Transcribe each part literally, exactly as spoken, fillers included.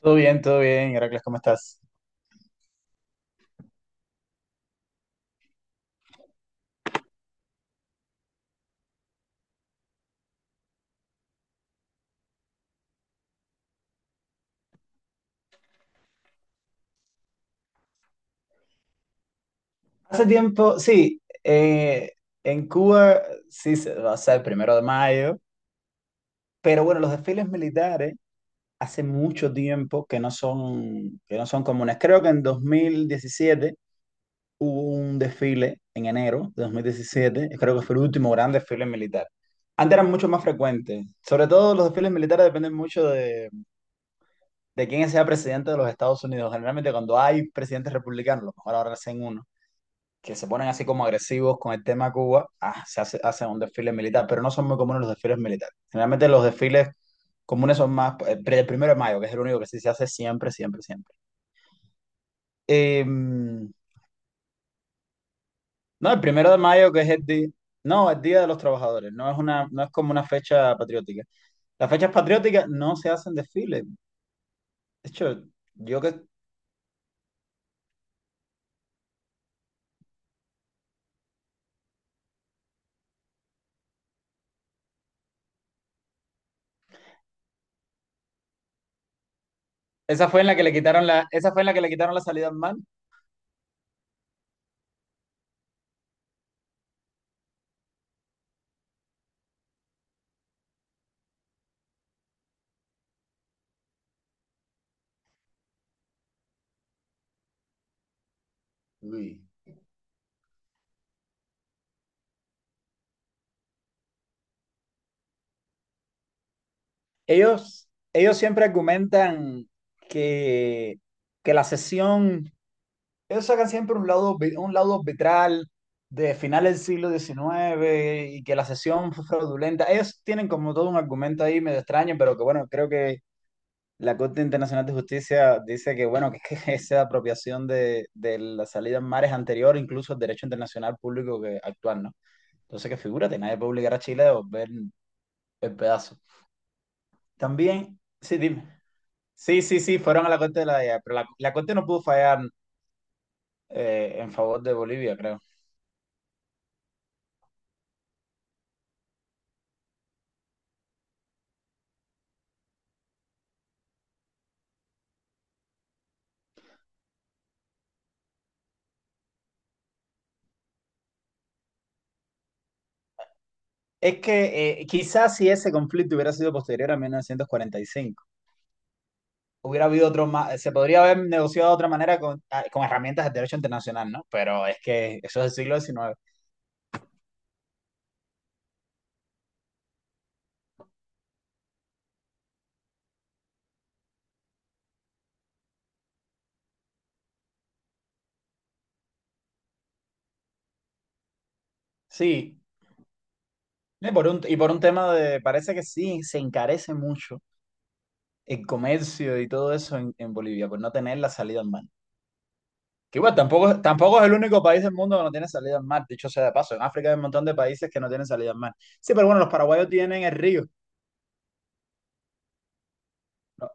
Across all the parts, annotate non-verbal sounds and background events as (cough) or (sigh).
Todo bien, todo bien, Heracles, ¿cómo estás? Hace tiempo, sí, eh, en Cuba sí se va a ser el primero de mayo, pero bueno, los desfiles militares hace mucho tiempo que no son, que no son comunes. Creo que en dos mil diecisiete hubo un desfile en enero de dos mil diecisiete, creo que fue el último gran desfile militar. Antes eran mucho más frecuentes, sobre todo los desfiles militares dependen mucho de, de quién sea presidente de los Estados Unidos. Generalmente cuando hay presidentes republicanos, a lo mejor ahora hacen uno que se ponen así como agresivos con el tema Cuba, ah, se hace, hacen un desfile militar, pero no son muy comunes los desfiles militares. Generalmente los desfiles comunes son más el, el primero de mayo, que es el único que sí se hace siempre, siempre, siempre. Eh, no, el primero de mayo, que es el día, no, el Día de los Trabajadores, no es una, no es como una fecha patriótica. Las fechas patrióticas no se hacen desfiles. De hecho, yo que esa fue en la que le quitaron la, esa fue en la que le quitaron la salida al mar. Uy. Ellos, ellos siempre argumentan que, que la sesión, ellos sacan siempre un lado, vi- un lado arbitral de final del siglo diecinueve y que la sesión fue fraudulenta. Ellos tienen como todo un argumento ahí medio extraño, pero que bueno, creo que la Corte Internacional de Justicia dice que bueno, que, (laughs) que esa apropiación de, de la salida en mares anterior, incluso al derecho internacional público que actual, ¿no? Entonces que figúrate, nadie puede obligar a Chile a volver el pedazo. También, sí, dime. Sí, sí, sí, fueron a la Corte de La Haya, pero la, la Corte no pudo fallar eh, en favor de Bolivia, creo. Es que eh, quizás si ese conflicto hubiera sido posterior a mil novecientos cuarenta y cinco, hubiera habido otro más, se podría haber negociado de otra manera con, ah, con herramientas del derecho internacional, ¿no? Pero es que eso es del siglo diecinueve. Sí, y por un, y por un tema de, parece que sí, se encarece mucho el comercio y todo eso en, en Bolivia, por no tener la salida en mar. Que igual, tampoco, tampoco es el único país del mundo que no tiene salida al mar, dicho sea de paso. En África hay un montón de países que no tienen salida al mar. Sí, pero bueno, los paraguayos tienen el río. No,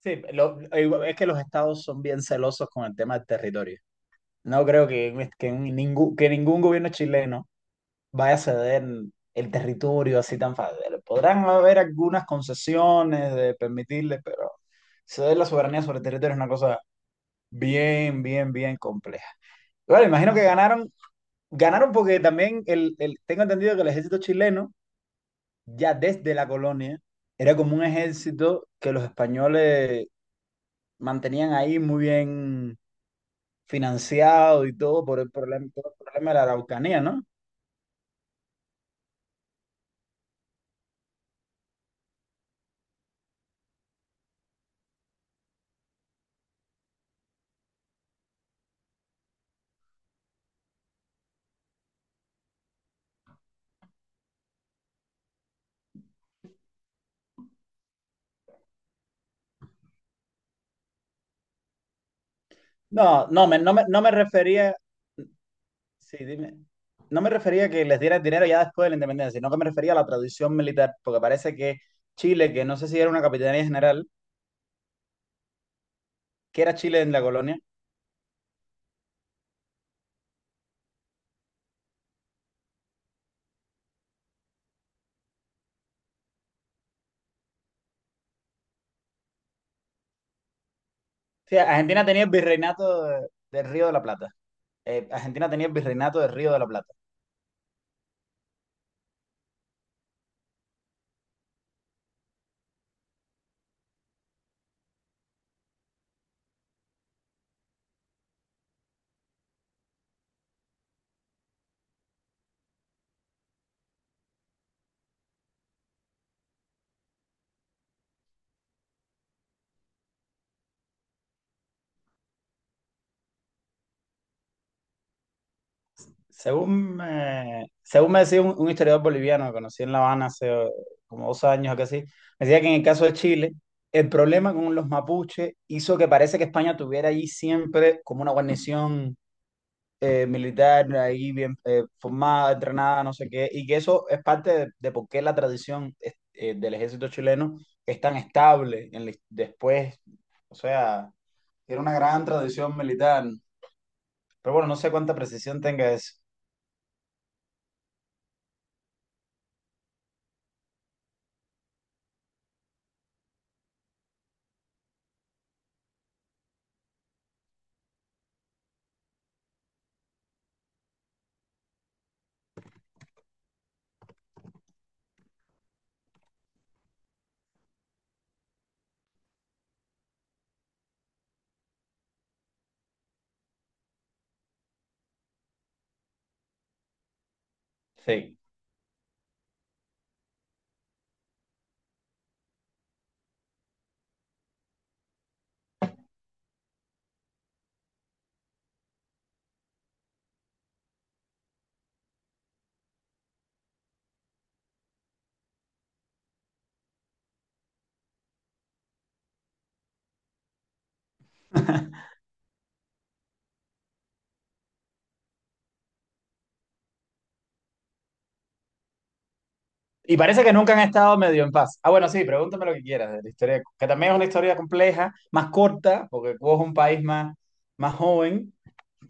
sí, lo- igual- es que los estados son bien celosos con el tema del territorio. No creo que, que, ningún, que ningún gobierno chileno vaya a ceder el territorio así tan fácil. Podrán haber algunas concesiones de permitirle, pero ceder la soberanía sobre el territorio es una cosa bien, bien, bien compleja. Bueno, imagino que ganaron. Ganaron porque también el, el- tengo entendido que el ejército chileno, ya desde la colonia, era como un ejército que los españoles mantenían ahí muy bien financiado y todo por el problema, todo el problema de la Araucanía, ¿no? No, no me, no me, no me refería, sí, dime, no me refería que les diera el dinero ya después de la independencia, sino que me refería a la tradición militar, porque parece que Chile, que no sé si era una capitanía general, que era Chile en la colonia, o sea, Argentina tenía el virreinato de- del Río de la Plata. eh, Argentina tenía el virreinato del Río de la Plata. Según me, según me decía un, un historiador boliviano que conocí en La Habana hace eh, como dos años o casi, me decía que en el caso de Chile, el problema con los mapuches hizo que parece que España tuviera allí siempre como una guarnición eh, militar ahí bien eh, formada, entrenada, no sé qué, y que eso es parte de, de por qué la tradición eh, del ejército chileno es tan estable en la his- después, o sea, era una gran tradición militar. Pero bueno, no sé cuánta precisión tenga eso. Sí. Y parece que nunca han estado medio en paz. Ah, bueno, sí, pregúntame lo que quieras de la historia, de Cuba, que también es una historia compleja, más corta, porque Cuba es un país más, más joven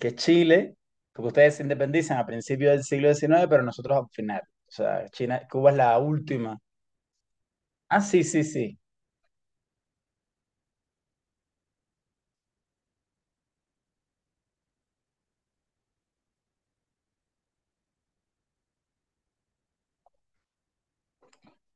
que Chile, porque ustedes se independizan a principios del siglo diecinueve pero nosotros al final. O sea, China, Cuba es la última. Ah, sí, sí, sí.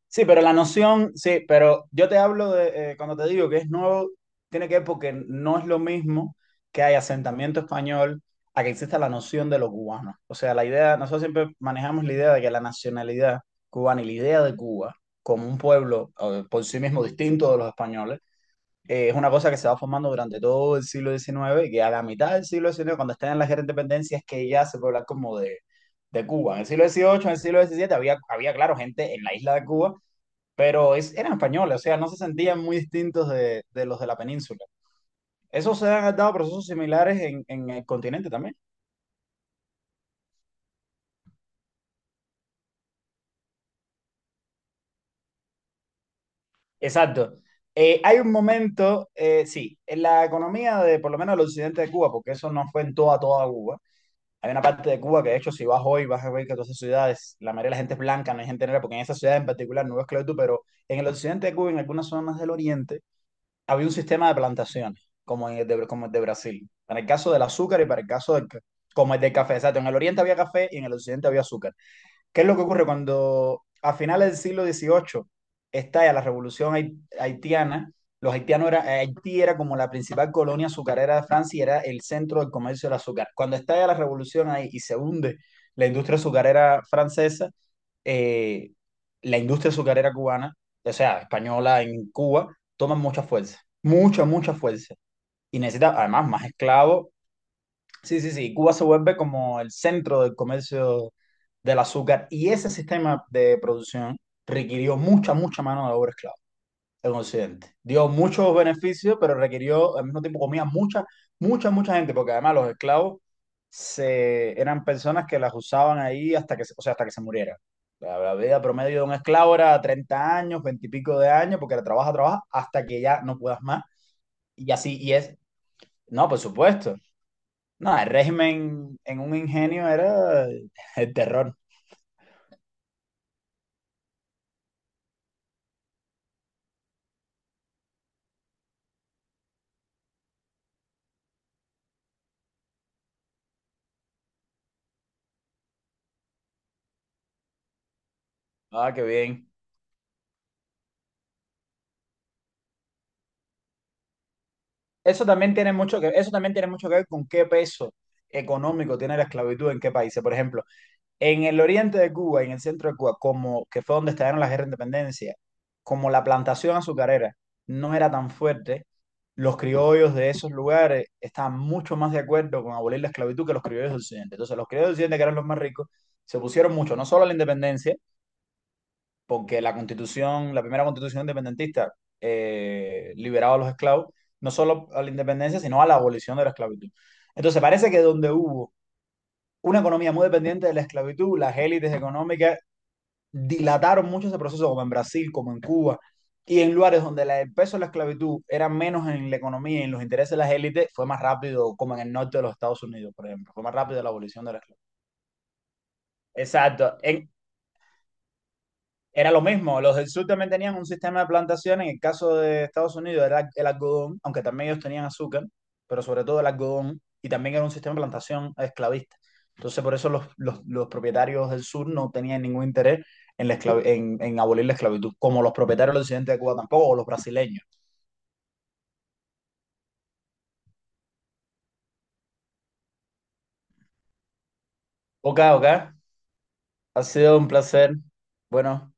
Sí, pero la noción, sí, pero yo te hablo de, eh, cuando te digo que es nuevo, tiene que ver porque no es lo mismo que hay asentamiento español a que exista la noción de lo cubano. O sea, la idea, nosotros siempre manejamos la idea de que la nacionalidad cubana y la idea de Cuba como un pueblo eh, por sí mismo distinto de los españoles, eh, es una cosa que se va formando durante todo el siglo diecinueve y que a la mitad del siglo diecinueve, cuando están en la guerra de independencia, es que ya se puede hablar como de, de Cuba. En el siglo dieciocho, en el siglo diecisiete había, había, claro, gente en la isla de Cuba pero es, eran españoles, o sea, no se sentían muy distintos de, de los de la península. Eso se han dado procesos similares en, en el continente también. Exacto. Eh, hay un momento, eh, sí, en la economía de por lo menos el occidente de Cuba, porque eso no fue en toda, toda Cuba. Hay una parte de Cuba que, de hecho, si vas hoy, vas a ver que todas esas ciudades, la mayoría de la gente es blanca, no hay gente negra, porque en esa ciudad en particular no hubo esclavitud, pero en el occidente de Cuba, en algunas zonas del oriente, había un sistema de plantaciones, como, en el de, como el de Brasil, para el caso del azúcar y para el caso del, ca- como el del café. Exacto, en el oriente había café y en el occidente había azúcar. ¿Qué es lo que ocurre cuando a finales del siglo dieciocho estalla la revolución hai- haitiana? Los haitianos era, Haití era como la principal colonia azucarera de Francia y era el centro del comercio del azúcar. Cuando estalla la revolución ahí y se hunde la industria azucarera francesa, eh, la industria azucarera cubana, o sea, española en Cuba, toma mucha fuerza, mucha, mucha fuerza. Y necesita además más esclavos. Sí, sí, sí, Cuba se vuelve como el centro del comercio del azúcar y ese sistema de producción requirió mucha, mucha mano de obra esclava en Occidente. Dio muchos beneficios, pero requirió, al mismo tiempo comía mucha, mucha, mucha gente, porque además los esclavos se, eran personas que las usaban ahí hasta que, se- o sea, hasta que se muriera. La, la vida promedio de un esclavo era treinta años, veinte y pico de años, porque la trabaja, trabaja hasta que ya no puedas más. Y así, y es, no, por supuesto. No, el régimen en un ingenio era (laughs) el terror. Ah, qué bien. Eso también tiene mucho que, eso también tiene mucho que ver con qué peso económico tiene la esclavitud en qué países. Por ejemplo, en el oriente de Cuba, en el centro de Cuba, como que fue donde estallaron las guerras de independencia, como la plantación azucarera no era tan fuerte, los criollos de esos lugares estaban mucho más de acuerdo con abolir la esclavitud que los criollos del occidente. Entonces, los criollos del occidente, que eran los más ricos, se pusieron mucho, no solo a la independencia, porque la constitución, la primera constitución independentista eh, liberaba a los esclavos, no solo a la independencia, sino a la abolición de la esclavitud. Entonces parece que donde hubo una economía muy dependiente de la esclavitud, las élites económicas dilataron mucho ese proceso, como en Brasil, como en Cuba, y en lugares donde la- el peso de la esclavitud era menos en la economía y en los intereses de las élites, fue más rápido, como en el norte de los Estados Unidos, por ejemplo, fue más rápido la abolición de la esclavitud. Exacto. En, Era lo mismo, los del sur también tenían un sistema de plantación, en el caso de Estados Unidos era el algodón, aunque también ellos tenían azúcar, pero sobre todo el algodón, y también era un sistema de plantación esclavista. Entonces por eso los, los, los propietarios del sur no tenían ningún interés en, la esclav en, en abolir la esclavitud, como los propietarios del occidente de Cuba tampoco, o los brasileños. Ok, ok, ha sido un placer. Bueno.